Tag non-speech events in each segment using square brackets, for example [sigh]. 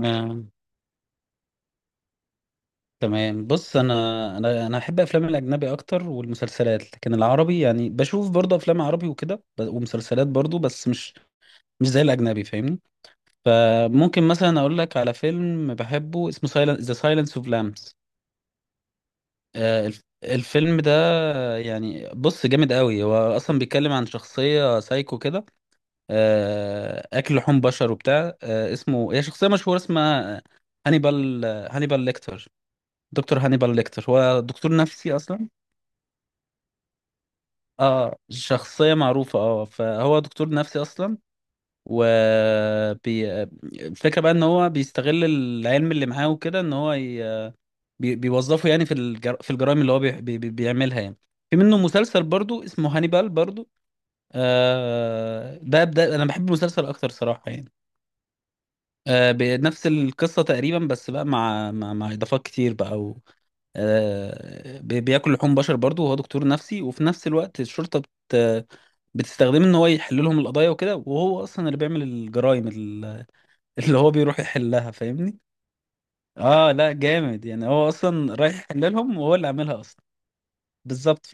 آه، تمام. بص، انا احب افلام الاجنبي اكتر والمسلسلات، لكن العربي يعني بشوف برضه افلام عربي وكده ومسلسلات برضه، بس مش زي الاجنبي، فاهمني؟ فممكن مثلا اقول لك على فيلم بحبه اسمه سايلنس، ذا سايلنس اوف لامبس. الفيلم ده يعني بص جامد قوي. هو اصلا بيتكلم عن شخصيه سايكو كده، اكل لحوم بشر وبتاع. اسمه، هي شخصيه مشهوره اسمها هانيبال هانيبال ليكتر، دكتور هانيبال ليكتر. هو دكتور نفسي اصلا. اه شخصية معروفة. اه فهو دكتور نفسي اصلا. و بي... الفكرة بقى ان هو بيستغل العلم اللي معاه وكده، ان هو بيوظفه يعني في الجرائم اللي هو بيعملها يعني. في منه مسلسل برضو اسمه هانيبال برضو. ده انا بحب المسلسل اكتر صراحة يعني. بنفس القصة تقريبا، بس بقى مع اضافات كتير بقى. بياكل لحوم بشر برضو، وهو دكتور نفسي، وفي نفس الوقت الشرطة بتستخدمه ان هو يحل لهم القضايا وكده، وهو اصلا اللي بيعمل الجرائم [laughs] اللي هو بيروح يحلها، فاهمني. اه لا جامد يعني. هو اصلا رايح يحل لهم وهو اللي عاملها اصلا. بالظبط.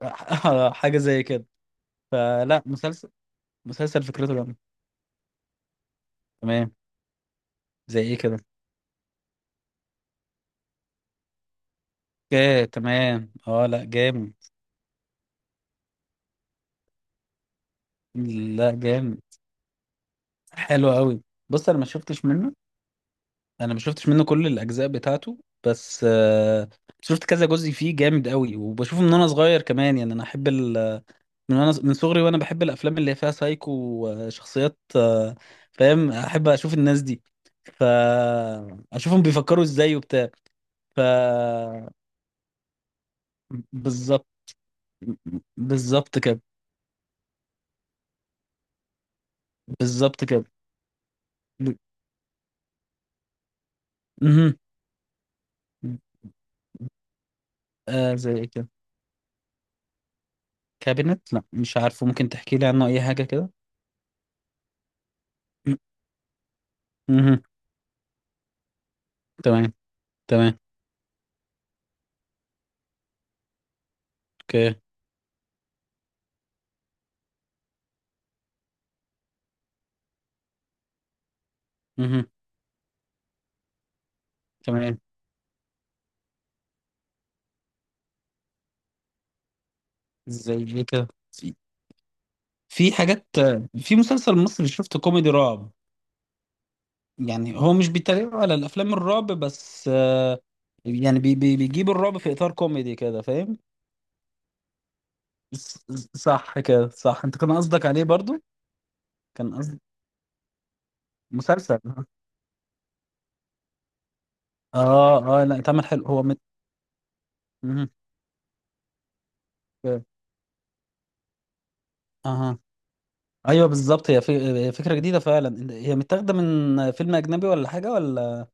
[laughs] حاجة زي كده. فلا مسلسل مسلسل فكرته جامدة. تمام. زي ايه كده؟ اوكي تمام. اه لا جامد. لا جامد حلو قوي. بص انا ما شفتش منه انا ما شفتش منه كل الاجزاء بتاعته. بس شفت كذا جزء فيه جامد قوي، وبشوفه من وانا صغير كمان يعني. من وانا من صغري وانا بحب الافلام اللي فيها سايكو وشخصيات. فاهم، احب اشوف الناس دي. ف اشوفهم بيفكروا ازاي وبتاع. ف بالظبط. بالظبط كده. بالظبط كده. ب- مهم. زي ايه كده؟ كابينت؟ لا مش عارفه، ممكن تحكي لي عنه اي حاجه كده. مهم. تمام. تمام. اوكي. مهم. تمام. زي ايه كده؟ في حاجات. في مسلسل مصري شفته كوميدي رعب. يعني هو مش بيتريق على الافلام الرعب بس. يعني بي بيجيب الرعب في اطار كوميدي كده، فاهم. ص- صح كده، صح، انت كان قصدك عليه برضو. كان قصد مسلسل. اه اه لا اتعمل حلو. مهم. اها ايوه بالظبط. هي فكره جديده فعلا. هي متاخده من فيلم اجنبي ولا حاجه ولا؟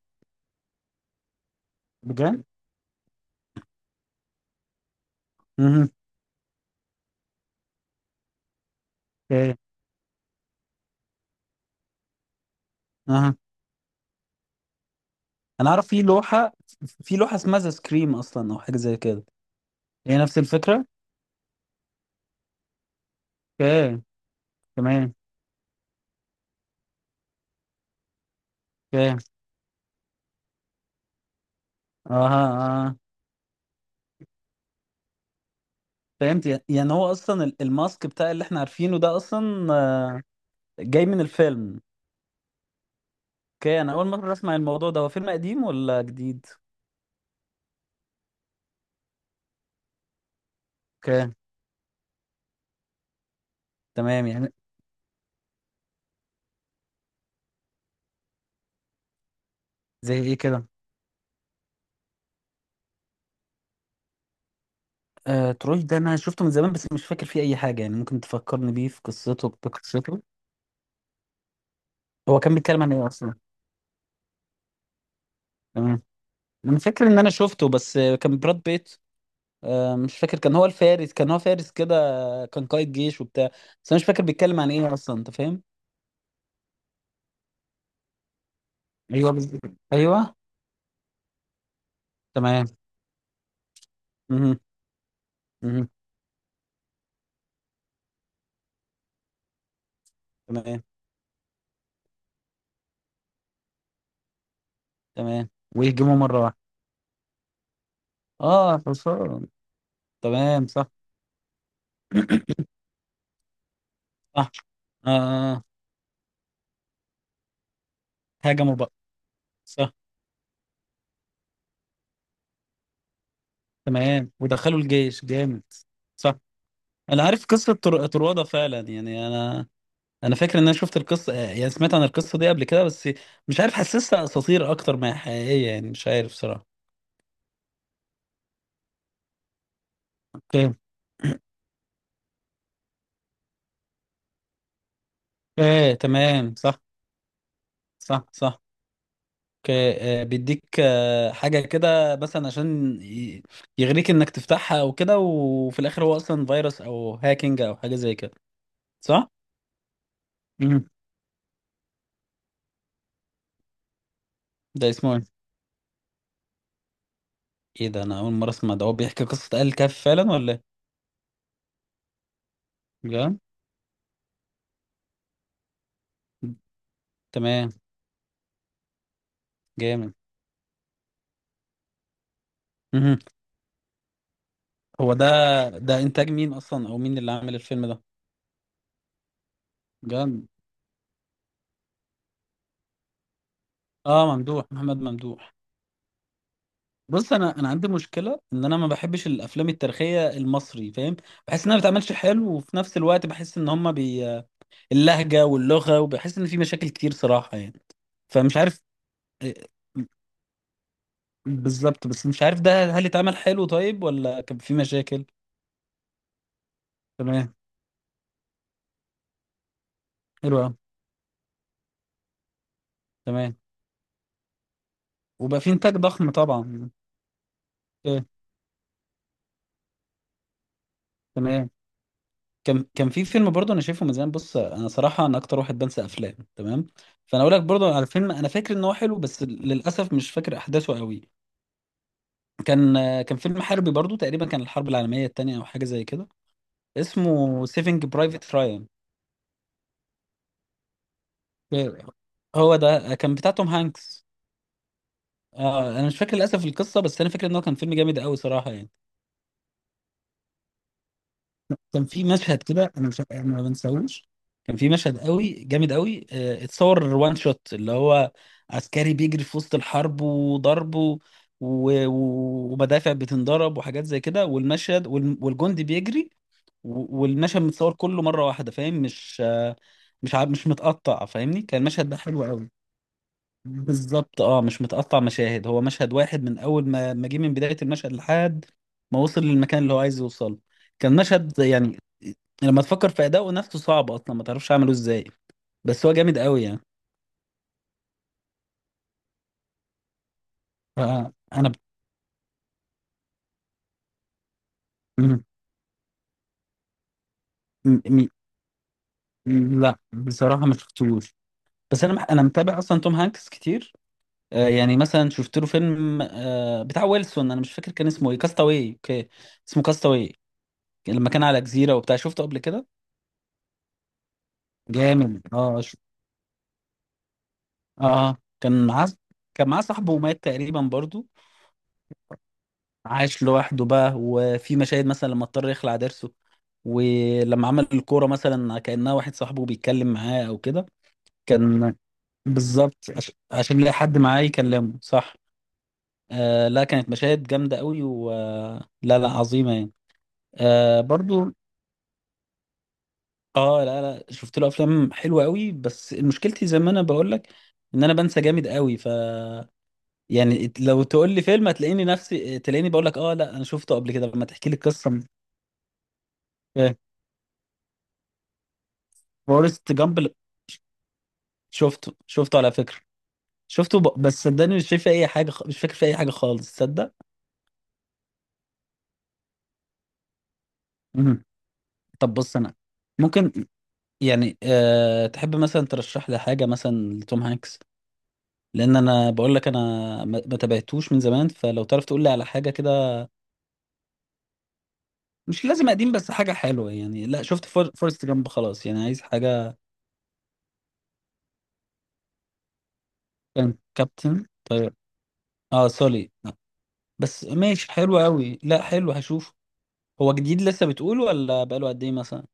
بجد؟ اها. اوكي. اها. انا عارف في لوحة، اسمها ذا سكريم اصلا او حاجة زي كده. هي نفس الفكرة. اوكي. تمام. اوكي. اه اه. فهمت يعني. هو اصلا الماسك بتاع اللي احنا عارفينه ده اصلا، جاي من الفيلم. اوكي، انا اول مرة اسمع الموضوع ده. هو فيلم قديم ولا جديد؟ اوكي. تمام يعني. زي ايه كده؟ تروي ده انا شفته من زمان، بس مش فاكر فيه اي حاجة يعني. ممكن تفكرني بيه في قصته بقصته؟ هو كان بيتكلم عن ايه اصلا؟ تمام. انا فاكر ان انا شفته، بس كان براد بيت. مش فاكر، كان هو فارس كده، كان قائد جيش وبتاع، بس انا مش فاكر بيتكلم عن ايه اصلا، انت فاهم. ايوه بز... ايوه. تمام. مهم. مهم. تمام. تمام. ويهجموا مره واحده. اه حصان. تمام. صح. صح. اه. آه. هاجموا بقى. صح. تمام ودخلوا الجيش جامد. صح، انا عارف قصه طروادة فعلا يعني. انا فاكر ان انا شفت القصه، يعني سمعت عن القصه دي قبل كده، بس مش عارف حسستها اساطير اكتر ما هي حقيقيه يعني، مش عارف صراحه. ايه تمام صح. صح. صح. اوكي بيديك حاجة كده مثلا عشان يغريك انك تفتحها او كده، وفي الاخر هو اصلا فيروس او هاكينج او حاجة زي كده. صح؟ امم ده اسمه ايه؟ ده انا اول مرة اسمع ده. هو بيحكي قصة آل كهف فعلا ولا ايه؟ بجد؟ تمام. جامد. مهم. هو ده ده انتاج مين اصلا او مين اللي عامل الفيلم ده؟ بجد؟ اه، محمد ممدوح. بص، انا عندي مشكله ان انا ما بحبش الافلام التاريخيه المصري، فاهم. بحس انها ما بتعملش حلو، وفي نفس الوقت بحس ان هما اللهجه واللغه، وبحس ان في مشاكل كتير صراحه يعني، فمش عارف. إيه، بالظبط. بس مش عارف ده هل اتعمل حلو طيب ولا كان في مشاكل. تمام. حلو أوي. تمام. وبقى في انتاج ضخم طبعا. إيه، تمام. كان في فيلم برضه انا شايفه من زمان. بص انا صراحه انا اكتر واحد بنسى افلام تمام، فانا اقول لك برضه على فيلم انا فاكر ان هو حلو، بس للاسف مش فاكر احداثه قوي. كان كان فيلم حربي برضو تقريبا، كان الحرب العالمية التانية أو حاجة زي كده، اسمه سيفنج برايفت رايان. هو ده كان بتاع توم هانكس. أنا مش فاكر للأسف القصة، بس أنا فاكر إن هو كان فيلم جامد قوي صراحة يعني. كان في مشهد كده، أنا ما بنساهوش. كان في مشهد قوي جامد قوي، اتصور وان شوت، اللي هو عسكري بيجري في وسط الحرب وضرب و... ومدافع بتنضرب وحاجات زي كده، والمشهد والجندي بيجري، والمشهد متصور كله مره واحده، فاهم، مش مش متقطع، فاهمني. كان المشهد ده حلو قوي. بالظبط اه مش متقطع مشاهد، هو مشهد واحد من اول ما جه من بدايه المشهد لحد ما وصل للمكان اللي هو عايز يوصله. كان مشهد يعني لما تفكر في اداؤه نفسه صعب اصلا، ما تعرفش اعمله ازاي، بس هو جامد قوي يعني. فانا ب... م... م... م... لا بصراحه ما شفتوش. بس انا متابع اصلا توم هانكس كتير. يعني مثلا شفت له فيلم بتاع ويلسون، انا مش فاكر كان اسمه ايه، كاستاوي. اوكي اسمه كاستاوي، لما كان على جزيره وبتاع شفته قبل كده. جامد. اه. آه. كان معاه صاحبه ومات تقريبا برضو. عاش لوحده بقى، وفي مشاهد مثلا لما اضطر يخلع ضرسه، ولما عمل الكوره مثلا كانها واحد صاحبه بيتكلم معاه او كده. كان بالظبط عشان يلاقي حد معاه يكلمه، صح. لا كانت مشاهد جامده قوي و لا لا عظيمه يعني. برضو. اه لا لا شفت له افلام حلوه قوي، بس مشكلتي زي ما انا بقول لك، ان انا بنسى جامد قوي. يعني لو تقول لي فيلم، هتلاقيني نفسي تلاقيني بقول لك اه لا انا شفته قبل كده، لما تحكي لي القصه مش. فاهم. فورست جامب. شفته على فكره. بس صدقني مش شايف اي حاجه مش فاكر في اي حاجه خالص تصدق. مهم. طب بص انا ممكن يعني، تحب مثلا ترشح لي حاجه مثلا لتوم هانكس، لان انا بقول لك انا ما تابعتوش من زمان، فلو تعرف تقول لي على حاجه كده. مش لازم قديم، بس حاجة حلوة يعني. لا شفت فورست جامب خلاص يعني، عايز حاجة. كان كابتن طيب اه سوري. آه. بس ماشي حلو قوي. لا حلو هشوف. هو جديد لسه بتقول ولا بقاله قد ايه مثلا؟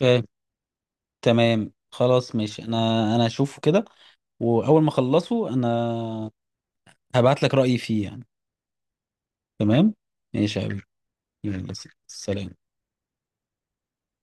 فاهم. تمام خلاص ماشي. انا هشوفه كده، واول ما اخلصه انا هبعت لك رأيي فيه يعني. تمام. ماشي يا حبيبي. يلا. سلام.